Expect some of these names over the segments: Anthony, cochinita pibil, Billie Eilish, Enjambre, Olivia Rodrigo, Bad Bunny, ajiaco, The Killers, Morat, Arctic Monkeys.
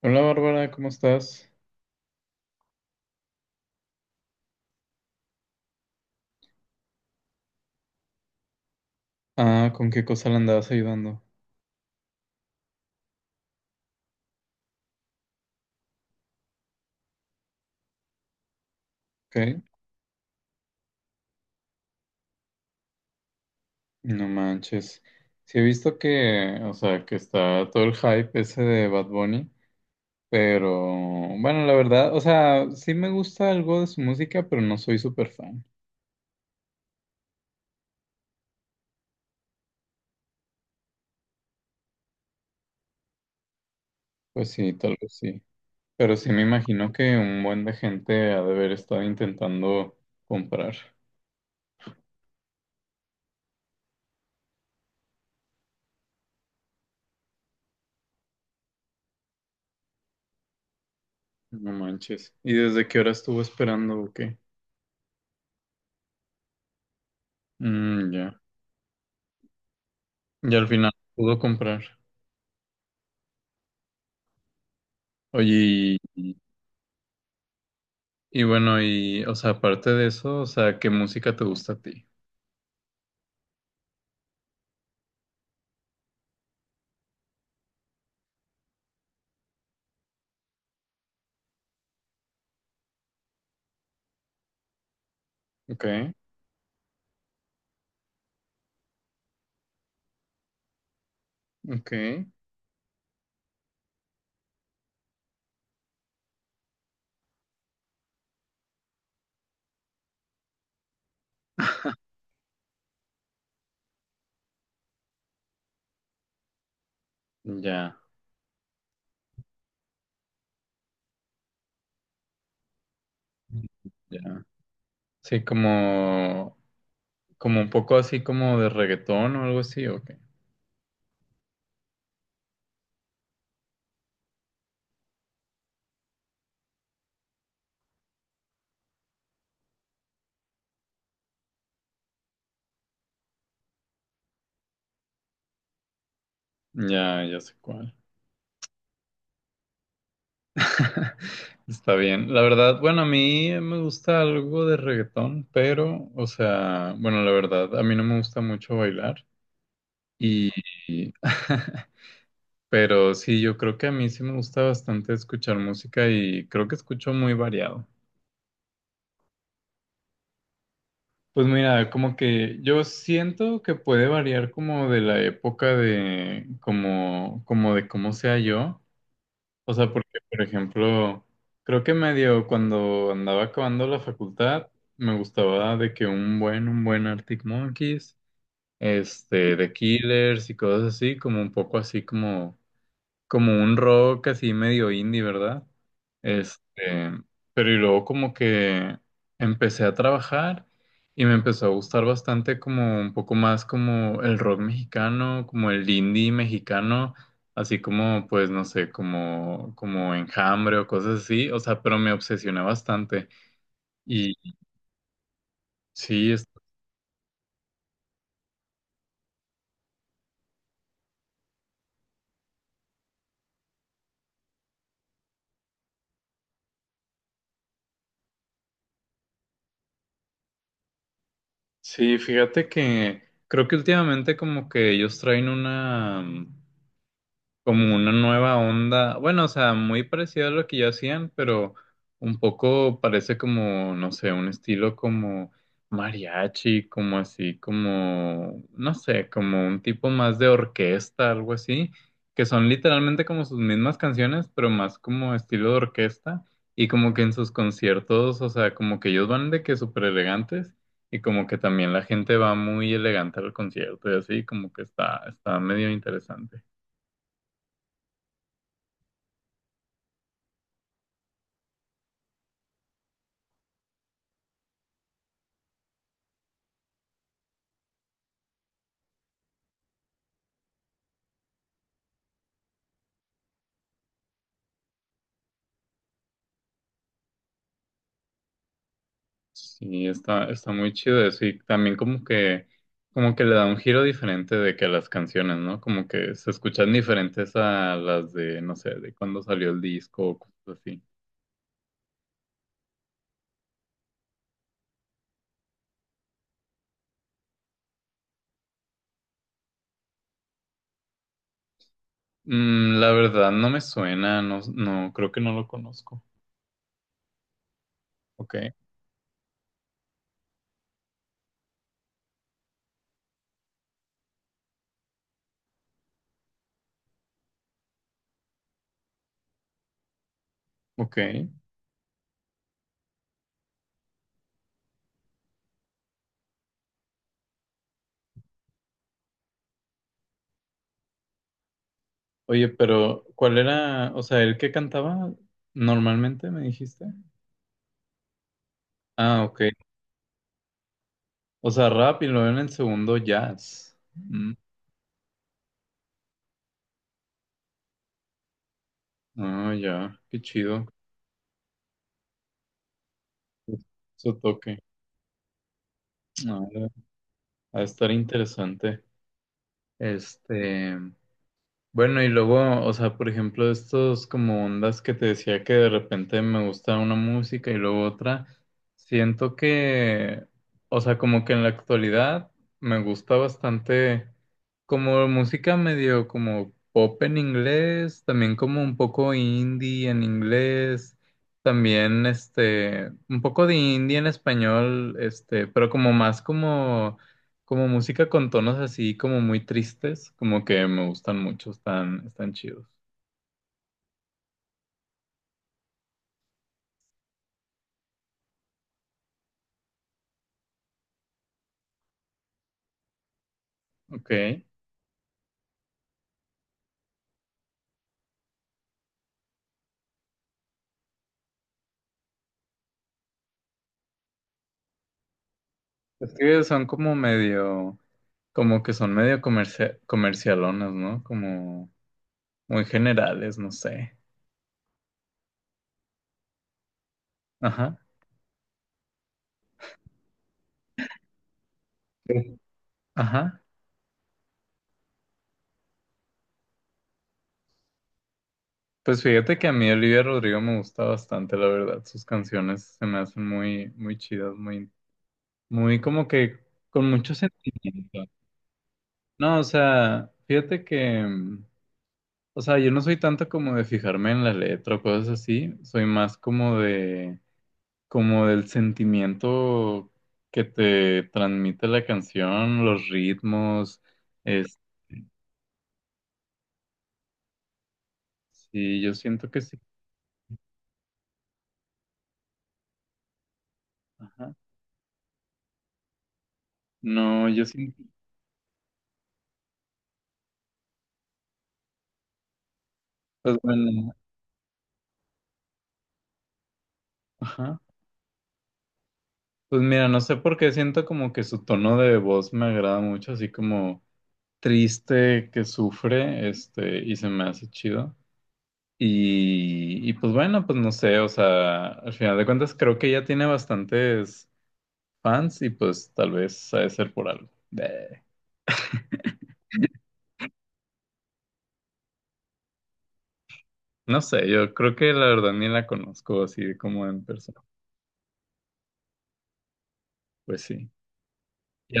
Hola Bárbara, ¿cómo estás? Ah, ¿con qué cosa le andabas ayudando? Ok, no manches. Sí he visto que, o sea, que está todo el hype ese de Bad Bunny, pero bueno, la verdad, o sea, sí me gusta algo de su música, pero no soy súper fan. Pues sí, tal vez sí. Pero sí me imagino que un buen de gente ha de haber estado intentando comprar. No manches. ¿Y desde qué hora estuvo esperando o qué? Mm, ya. Y al final pudo comprar. Oye, y bueno, y, o sea, aparte de eso, o sea, ¿qué música te gusta a ti? Ok, ok, ya, ya. Sí, como, como un poco así como de reggaetón o algo así, ok. Ya, ya sé cuál. Está bien. La verdad, bueno, a mí me gusta algo de reggaetón, pero, o sea, bueno, la verdad, a mí no me gusta mucho bailar. Y, pero sí, yo creo que a mí sí me gusta bastante escuchar música y creo que escucho muy variado. Pues mira, como que yo siento que puede variar como de la época de como, como de cómo sea yo. O sea, porque, por ejemplo, creo que medio cuando andaba acabando la facultad, me gustaba de que un buen Arctic Monkeys, este, The Killers y cosas así, como un poco así como como un rock así medio indie, ¿verdad? Este, pero y luego como que empecé a trabajar y me empezó a gustar bastante como un poco más como el rock mexicano, como el indie mexicano, así como pues no sé, como como Enjambre o cosas así, o sea, pero me obsesioné bastante y sí, es- sí, fíjate que creo que últimamente como que ellos traen una como una nueva onda, bueno, o sea, muy parecido a lo que ya hacían, pero un poco parece como, no sé, un estilo como mariachi, como así, como, no sé, como un tipo más de orquesta, algo así, que son literalmente como sus mismas canciones, pero más como estilo de orquesta, y como que en sus conciertos, o sea, como que ellos van de que súper elegantes. Y como que también la gente va muy elegante al concierto y así, como que está, está medio interesante. Sí, está, está muy chido eso y también como que le da un giro diferente de que a las canciones, ¿no? Como que se escuchan diferentes a las de, no sé, de cuando salió el disco o cosas así. Mm, la verdad no me suena, no, no, creo que no lo conozco. Ok, ok. Oye, pero ¿cuál era, o sea, el que cantaba normalmente, me dijiste? Ah, ok. O sea, rap y luego en el segundo jazz. Ah, ya, qué chido. Su toque. Ah, Va a estar interesante. Este, bueno, y luego, o sea, por ejemplo, estos como ondas que te decía que de repente me gusta una música y luego otra, siento que, o sea, como que en la actualidad me gusta bastante como música medio como pop en inglés, también como un poco indie en inglés, también este, un poco de indie en español, este, pero como más como como música con tonos así como muy tristes, como que me gustan mucho, están, están chidos. Ok. Es que son como medio, como que son medio comercialonas, ¿no? Como muy generales, no sé. Ajá, sí, ajá. Pues fíjate que a mí Olivia Rodrigo me gusta bastante, la verdad. Sus canciones se me hacen muy, muy chidas, muy, muy como que con mucho sentimiento. No, o sea, fíjate que o sea, yo no soy tanto como de fijarme en la letra o cosas así, soy más como de, como del sentimiento que te transmite la canción, los ritmos, es, sí, yo siento que sí, ajá. No, yo siento, pues bueno, ajá. Pues mira, no sé por qué siento como que su tono de voz me agrada mucho, así como triste, que sufre, este, y se me hace chido. Y pues bueno, pues no sé, o sea, al final de cuentas creo que ya tiene bastantes fans y pues tal vez ha de ser por algo. Eh, No sé, yo creo que la verdad ni la conozco así como en persona. Pues sí. ¿Y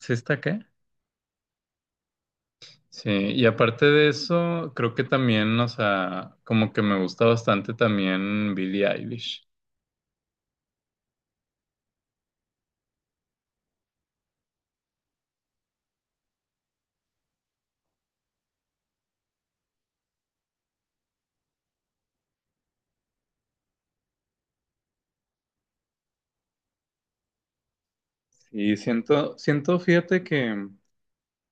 ¿Sí está qué Sí, y aparte de eso, creo que también, o sea, como que me gusta bastante también Billie Eilish. Y siento, siento, fíjate que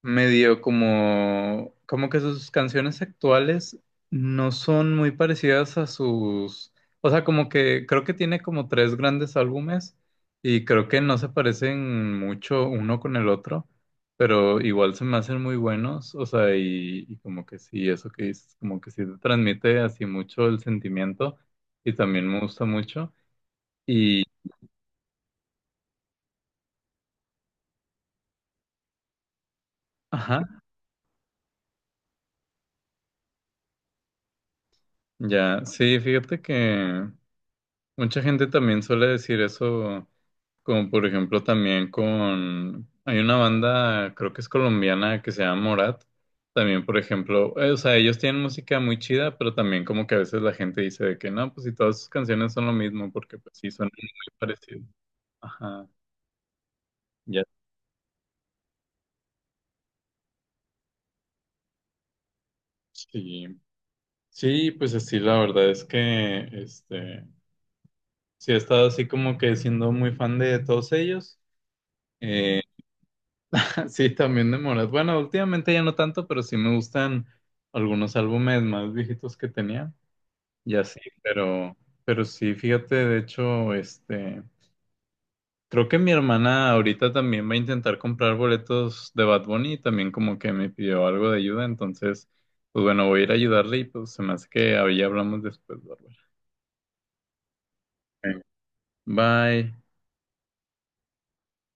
medio como, como que sus canciones actuales no son muy parecidas a sus, o sea, como que creo que tiene como tres grandes álbumes y creo que no se parecen mucho uno con el otro, pero igual se me hacen muy buenos, o sea, y como que sí, eso que dices, como que sí te transmite así mucho el sentimiento y también me gusta mucho y, ajá, ya, sí, fíjate que mucha gente también suele decir eso. Como por ejemplo también con, hay una banda, creo que es colombiana, que se llama Morat. También, por ejemplo, o sea, ellos tienen música muy chida, pero también como que a veces la gente dice de que no, pues si todas sus canciones son lo mismo, porque pues sí, suenan muy parecidos. Ajá, ya. Sí, sí, pues así la verdad es que, sí he estado así como que siendo muy fan de todos ellos. Eh, sí, también de Morat. Bueno, últimamente ya no tanto, pero sí me gustan algunos álbumes más viejitos que tenía. Y así, pero sí, fíjate, de hecho, creo que mi hermana ahorita también va a intentar comprar boletos de Bad Bunny y también como que me pidió algo de ayuda, entonces, pues bueno, voy a ir a ayudarle y pues se me hace que ahí hablamos después, Bárbara. Ok. Bye.